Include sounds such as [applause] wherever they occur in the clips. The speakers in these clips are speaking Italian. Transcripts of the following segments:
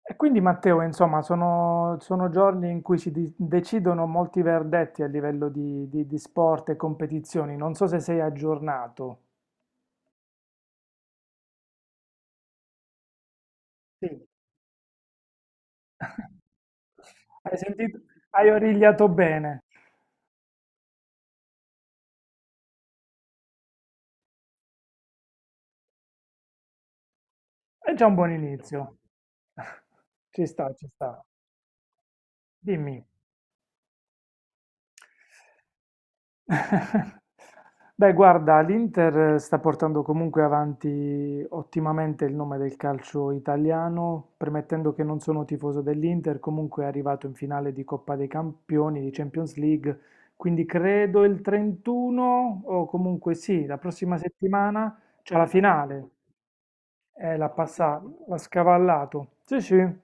E quindi Matteo, insomma, sono giorni in cui decidono molti verdetti a livello di sport e competizioni. Non so se sei aggiornato. Sì. Hai sentito? Hai origliato bene. È già un buon inizio. [laughs] Ci sta, ci sta. Dimmi. [laughs] Beh, guarda, l'Inter sta portando comunque avanti ottimamente il nome del calcio italiano, premettendo che non sono tifoso dell'Inter, comunque è arrivato in finale di Coppa dei Campioni, di Champions League, quindi credo il 31 o comunque sì, la prossima settimana c'è la finale. L'ha passato, l'ha scavallato. Sì, sì.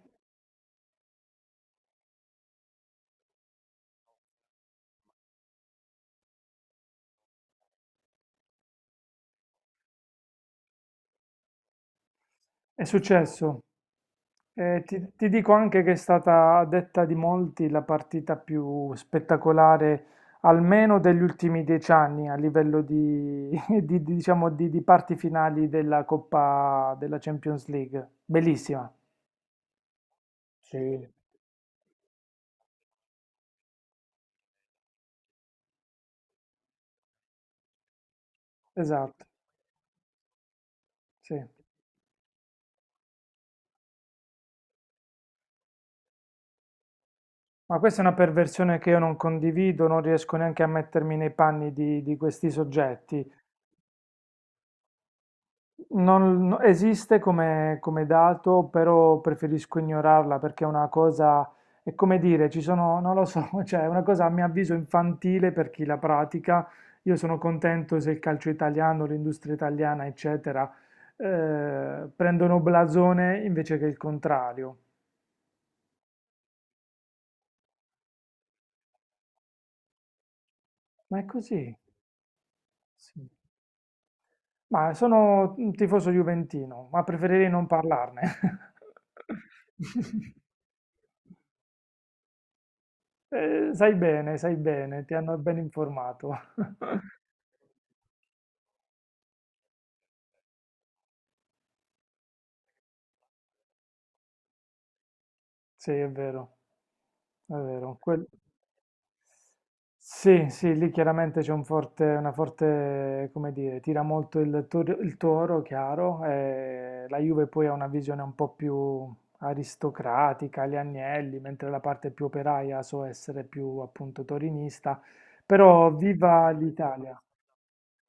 È successo. Ti dico anche che è stata, a detta di molti, la partita più spettacolare, almeno degli ultimi 10 anni, a livello di, [laughs] diciamo, di parti finali della Coppa della Champions League. Bellissima. Sì. Esatto, sì. Ma questa è una perversione che io non condivido, non riesco neanche a mettermi nei panni di questi soggetti. Non, no- Esiste come, come dato, però preferisco ignorarla perché è una cosa, è come dire, ci sono, non lo so, [laughs] cioè è una cosa a mio avviso infantile per chi la pratica. Io sono contento se il calcio italiano, l'industria italiana, eccetera, prendono blasone invece che il contrario. Ma è così, sì. Ma sono un tifoso juventino, ma preferirei non parlarne. [laughs] Sai bene, ti hanno ben informato. [laughs] Sì, è vero. È vero, sì, sì, lì chiaramente c'è un forte, una forte, come dire, tira molto il Toro, chiaro, e la Juve poi ha una visione un po' più aristocratica, gli Agnelli, mentre la parte più operaia so essere più appunto torinista, però viva l'Italia!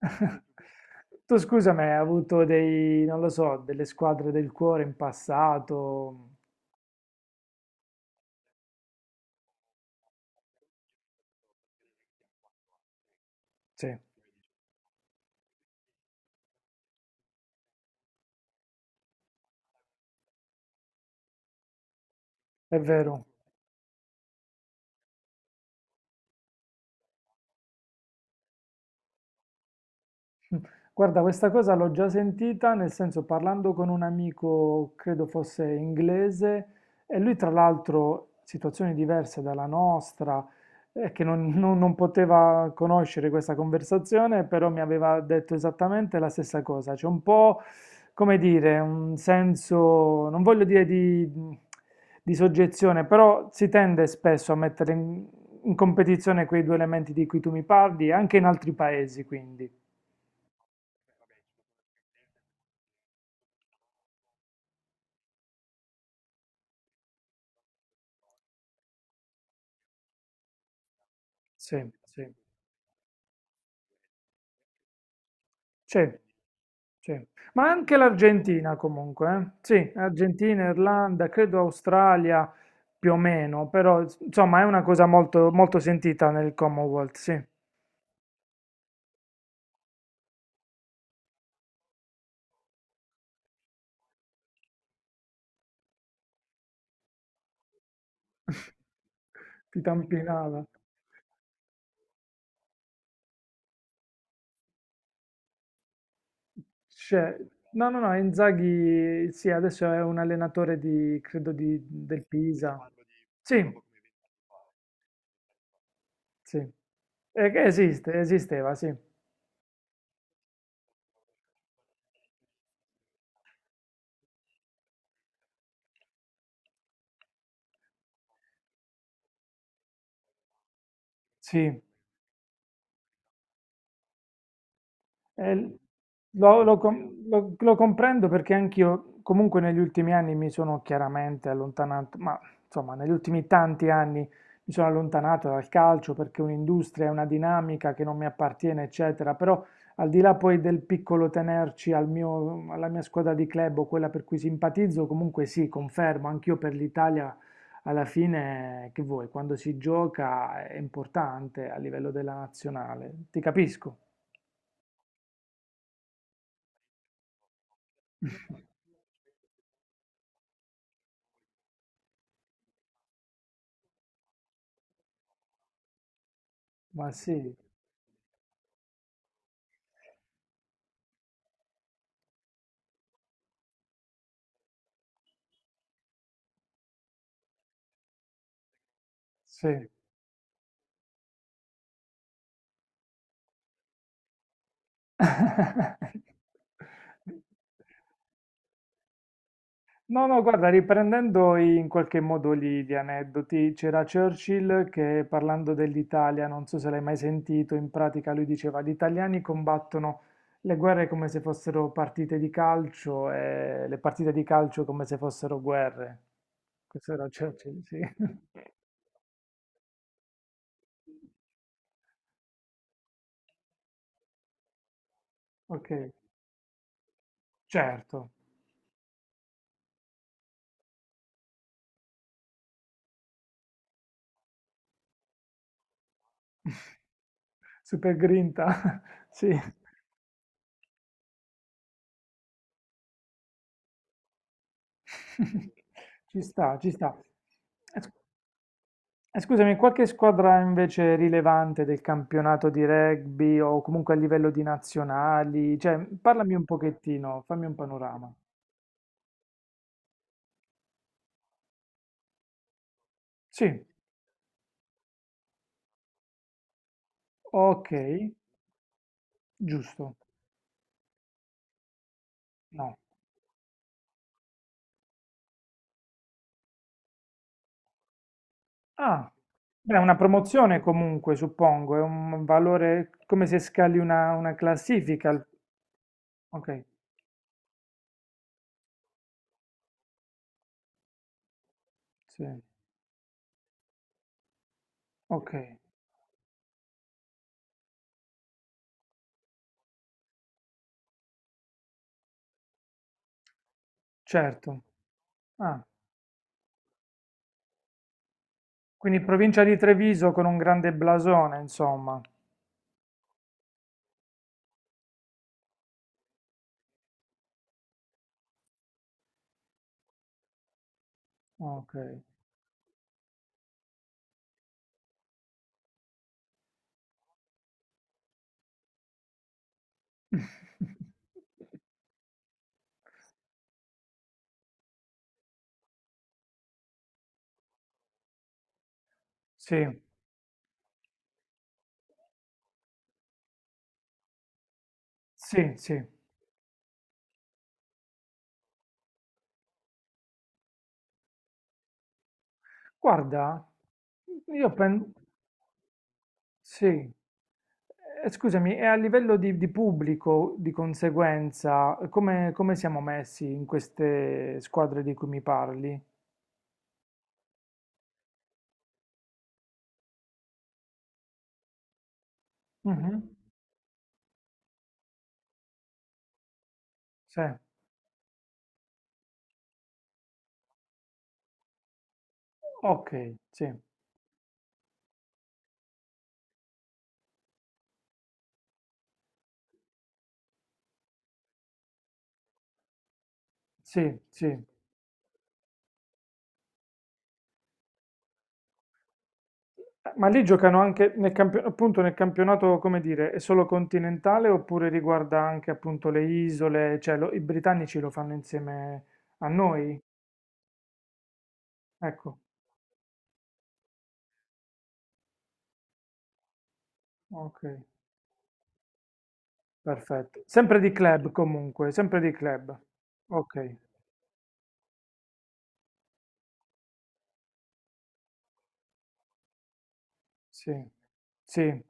[laughs] Tu scusami, hai avuto dei, non lo so, delle squadre del cuore in passato? Sì, è vero. Guarda, questa cosa l'ho già sentita, nel senso parlando con un amico, credo fosse inglese, e lui tra l'altro, situazioni diverse dalla nostra, che non, non- non poteva conoscere questa conversazione, però mi aveva detto esattamente la stessa cosa. C'è un po', come dire, un senso, non voglio dire di soggezione, però si tende spesso a mettere in competizione quei due elementi di cui tu mi parli, anche in altri paesi, quindi. Sì, sì, sì, sì. Ma anche l'Argentina comunque, eh. Sì, Argentina, Irlanda, credo Australia più o meno, però insomma è una cosa molto, molto sentita nel Commonwealth, sì. [laughs] Ti tampinava. Cioè, no, no, no, Inzaghi, sì, adesso è un allenatore di, credo, di, del Pisa. Sì, sì. Che esiste, esisteva, sì. Sì. Eh, lo comprendo perché anch'io, comunque negli ultimi anni mi sono chiaramente allontanato, ma insomma negli ultimi tanti anni mi sono allontanato dal calcio perché è un'industria, è una dinamica che non mi appartiene, eccetera, però al di là poi del piccolo tenerci alla mia squadra di club o quella per cui simpatizzo, comunque sì, confermo, anch'io per l'Italia alla fine, che vuoi, quando si gioca è importante a livello della nazionale, ti capisco. Ma sì, sì. [laughs] No, no, guarda, riprendendo in qualche modo gli, gli aneddoti, c'era Churchill che parlando dell'Italia, non so se l'hai mai sentito, in pratica lui diceva gli italiani combattono le guerre come se fossero partite di calcio e le partite di calcio come se fossero guerre. Questo era Churchill, sì. [laughs] Ok, certo. [laughs] Super grinta, [laughs] sì. [laughs] Ci sta, ci sta. Eh, scu- Scusami, qualche squadra invece rilevante del campionato di rugby o comunque a livello di nazionali? Cioè, parlami un pochettino, fammi un panorama. Sì, ok, giusto. No. Ah, beh, una promozione comunque, suppongo, è un valore come se scali una classifica. Ok, sì, ok, certo. Ah, quindi provincia di Treviso con un grande blasone, insomma. Okay. [laughs] Sì, sì, sì. Guarda, io pen sì. Scusami, e a livello di pubblico, di conseguenza, come come siamo messi in queste squadre di cui mi parli? Mh-mh. Sì. Okay, sì, sì, sì. Ma lì giocano anche appunto nel campionato, come dire, è solo continentale oppure riguarda anche appunto le isole, cioè i britannici lo fanno insieme a noi? Ecco, ok, perfetto. Sempre di club comunque, sempre di club. Ok, sì, sì.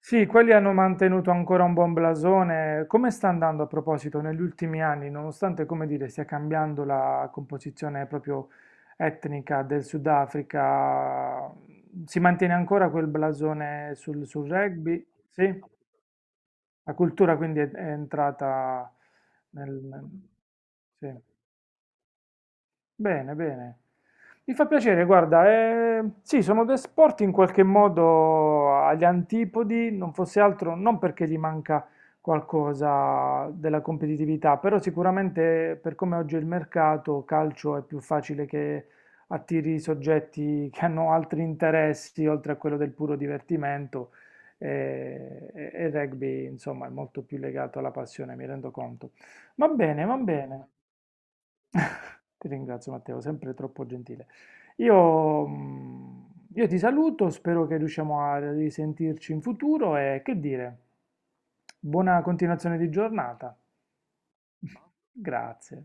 Sì, quelli hanno mantenuto ancora un buon blasone. Come sta andando a proposito negli ultimi anni, nonostante, come dire, stia cambiando la composizione proprio etnica del Sudafrica, si mantiene ancora quel blasone sul, sul rugby? Sì? La cultura quindi è entrata nel... nel- sì. Bene, bene. Mi fa piacere, guarda, sì, sono due sport in qualche modo agli antipodi, non fosse altro, non perché gli manca qualcosa della competitività, però sicuramente per come oggi è il mercato, calcio è più facile che attiri soggetti che hanno altri interessi oltre a quello del puro divertimento e il rugby, insomma, è molto più legato alla passione, mi rendo conto. Va bene, va bene. [laughs] Ti ringrazio Matteo, sempre troppo gentile. Io, mm, io ti saluto, spero che riusciamo a risentirci in futuro e che dire, buona continuazione di giornata. [laughs] Grazie.